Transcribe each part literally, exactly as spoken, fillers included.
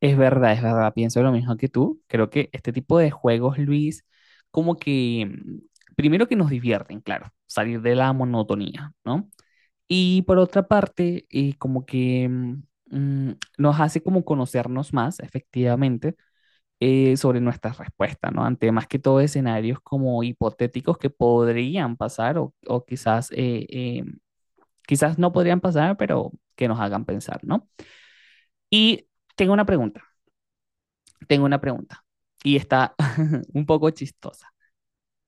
Es verdad, es verdad, pienso lo mismo que tú. Creo que este tipo de juegos, Luis, como que, mm, primero que nos divierten, claro, salir de la monotonía, ¿no? Y por otra parte, eh, como que mm, mm, nos hace como conocernos más, efectivamente, eh, sobre nuestras respuestas, ¿no? Ante más que todo escenarios como hipotéticos que podrían pasar o, o quizás, eh, eh, quizás no podrían pasar, pero que nos hagan pensar, ¿no? Y tengo una pregunta. tengo una pregunta y está un poco chistosa.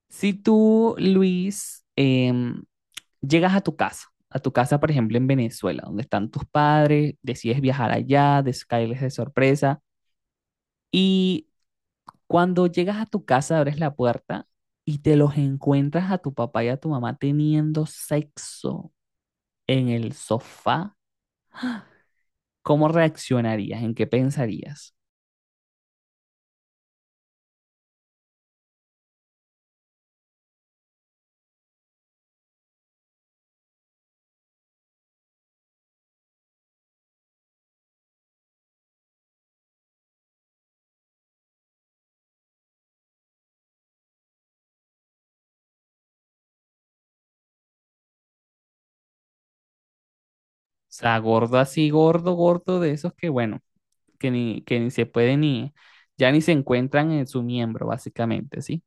Si tú, Luis, em, llegas a tu casa, a tu casa, por ejemplo, en Venezuela, donde están tus padres, decides viajar allá, des- caerles de sorpresa, y cuando llegas a tu casa, abres la puerta y te los encuentras a tu papá y a tu mamá teniendo sexo en el sofá, ¿cómo reaccionarías? ¿En qué pensarías? O sea, gordo así, gordo, gordo de esos que, bueno, que ni, que ni se puede ni, ya ni se encuentran en su miembro, básicamente, ¿sí?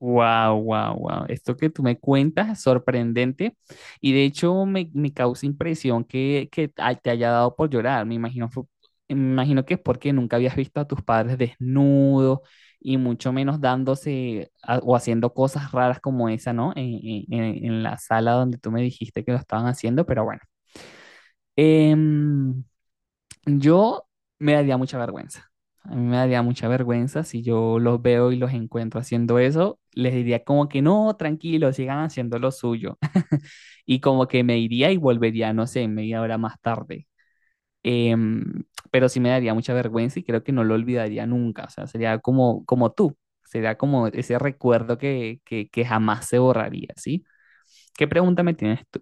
Wow, wow, wow. Esto que tú me cuentas es sorprendente y de hecho me, me causa impresión que, que ay- te haya dado por llorar. Me imagino, fue- me imagino que es porque nunca habías visto a tus padres desnudos y mucho menos dándose a- o haciendo cosas raras como esa, ¿no? En, en- en- en la sala donde tú me dijiste que lo estaban haciendo, pero bueno. Em, Yo me daría mucha vergüenza. A mí me daría mucha vergüenza si yo los veo y los encuentro haciendo eso. Les diría como que no, tranquilo, sigan haciendo lo suyo. Y como que me iría y volvería, no sé, media hora más tarde. Em, pero sí me daría mucha vergüenza y creo que no lo olvidaría nunca. O sea, sería como, como tú. Sería como ese recuerdo que, que, que jamás se borraría, ¿sí? ¿Qué pregunta me tienes tú?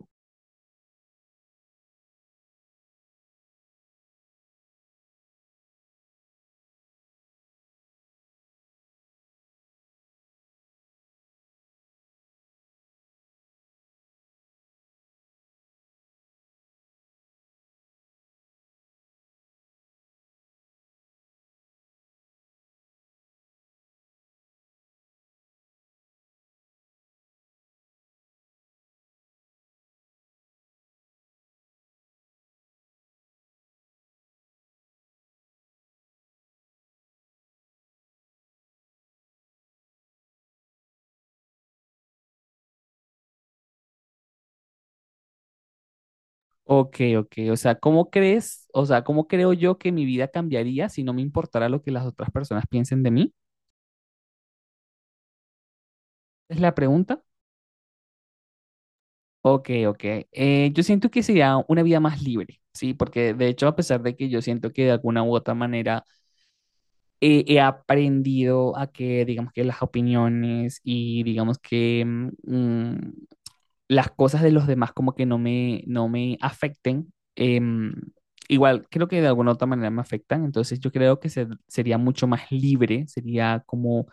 Ok, ok. O sea, ¿cómo crees? O sea, ¿cómo creo yo que mi vida cambiaría si no me importara lo que las otras personas piensen de mí? Es la pregunta. Ok, ok. Eh, yo siento que sería una vida más libre, ¿sí? Porque de hecho, a pesar de que yo siento que de alguna u otra manera eh, he aprendido a que, digamos que las opiniones y digamos que mm, las cosas de los demás como que no me, no me afecten. Em, igual, creo que de alguna u otra manera me afectan, entonces yo creo que se- sería mucho más libre, sería como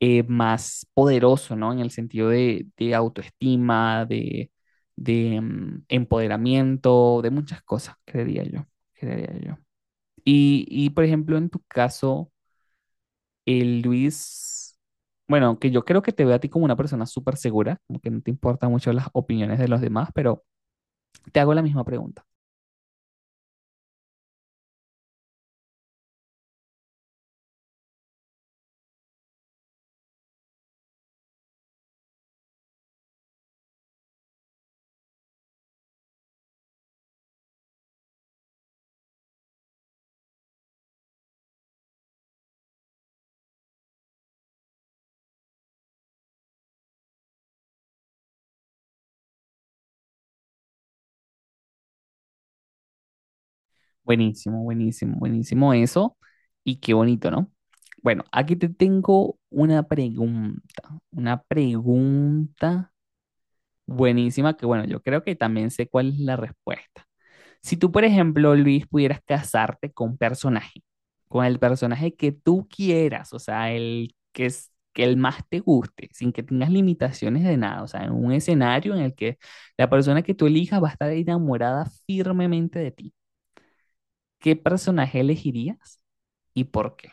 eh, más poderoso, ¿no? En el sentido de, de autoestima, de, de em, empoderamiento, de muchas cosas, creería yo, creería yo. Y, y, por ejemplo, en tu caso, el Luis, bueno, que yo creo que te veo a ti como una persona súper segura, como que no te importan mucho las opiniones de los demás, pero te hago la misma pregunta. Buenísimo, buenísimo, buenísimo eso. Y qué bonito, ¿no? Bueno, aquí te tengo una pregunta, una pregunta buenísima que, bueno, yo creo que también sé cuál es la respuesta. Si tú, por ejemplo, Luis, pudieras casarte con un personaje, con el personaje que tú quieras, o sea, el que es que el más te guste, sin que tengas limitaciones de nada, o sea, en un escenario en el que la persona que tú elijas va a estar enamorada firmemente de ti. ¿Qué personaje elegirías y por qué?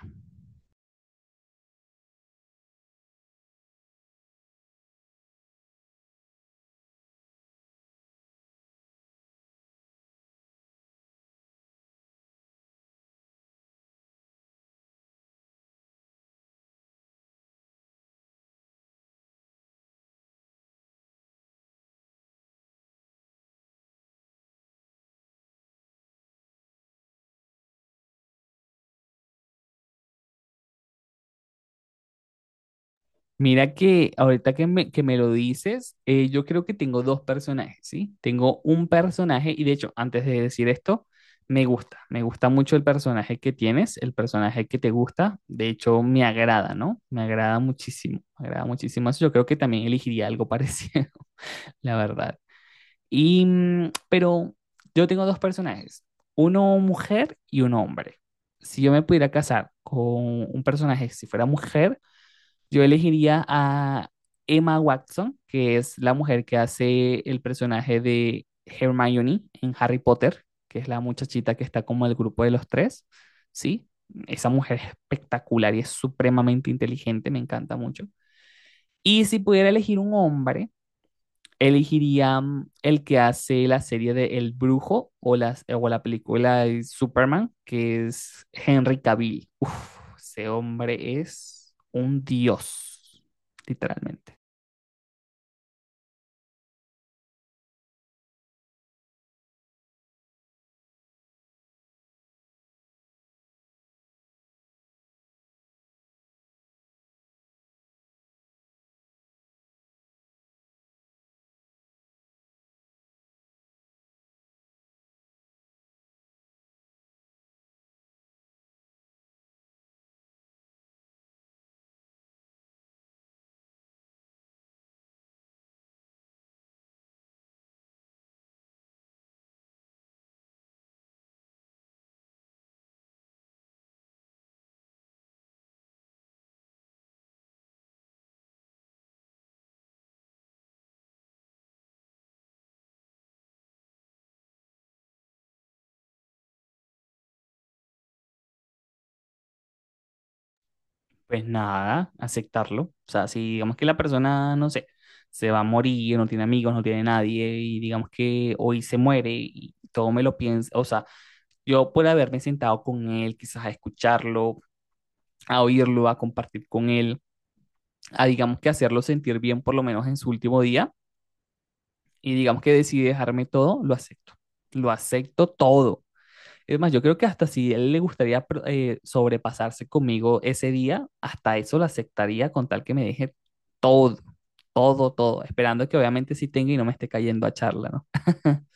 Mira que ahorita que me, que me lo dices, eh, yo creo que tengo dos personajes, ¿sí? Tengo un personaje y de hecho, antes de decir esto, me gusta, me gusta mucho el personaje que tienes, el personaje que te gusta, de hecho me agrada, ¿no? Me agrada muchísimo, me agrada muchísimo eso, yo creo que también elegiría algo parecido, la verdad. Y, mm, pero yo tengo dos personajes, uno mujer y uno hombre. Si yo me pudiera casar con un personaje, si fuera mujer, yo elegiría a Emma Watson, que es la mujer que hace el personaje de Hermione en Harry Potter, que es la muchachita que está como el grupo de los tres, ¿sí? Esa mujer es espectacular y es supremamente inteligente, me encanta mucho. Y si pudiera elegir un hombre, elegiría mm, el que hace la serie de El Brujo o, las, eh, o la película de Superman, que es Henry Cavill. Uf, ese hombre es un dios, literalmente. Pues nada, aceptarlo. O sea, si digamos que la persona, no sé, se va a morir, no tiene amigos, no tiene nadie, y digamos que hoy se muere y todo me lo piensa, o sea, yo por haberme sentado con él, quizás a escucharlo, a oírlo, a compartir con él a, digamos que hacerlo sentir bien por lo menos en su último día y digamos que decide dejarme todo, lo acepto. Lo acepto todo. Es más, yo creo que hasta si él le gustaría eh, sobrepasarse conmigo ese día, hasta eso lo aceptaría con tal que me deje todo, todo, todo, esperando que obviamente sí tenga y no me esté cayendo a charla, ¿no?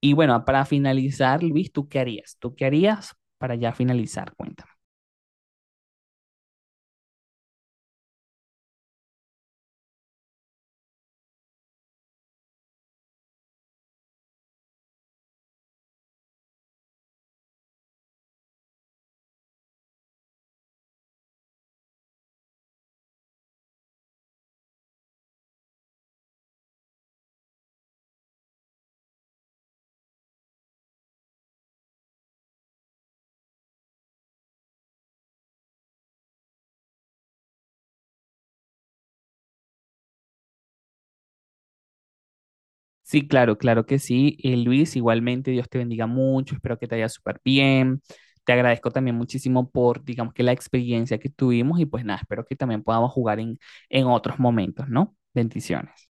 Y bueno, para finalizar, Luis, ¿tú qué harías? ¿Tú qué harías para ya finalizar? Cuenta. Sí, claro, claro que sí. Eh, Luis, igualmente, Dios te bendiga mucho, espero que te haya súper bien. Te agradezco también muchísimo por, digamos que la experiencia que tuvimos y pues nada, espero que también podamos jugar en, en otros momentos, ¿no? Bendiciones.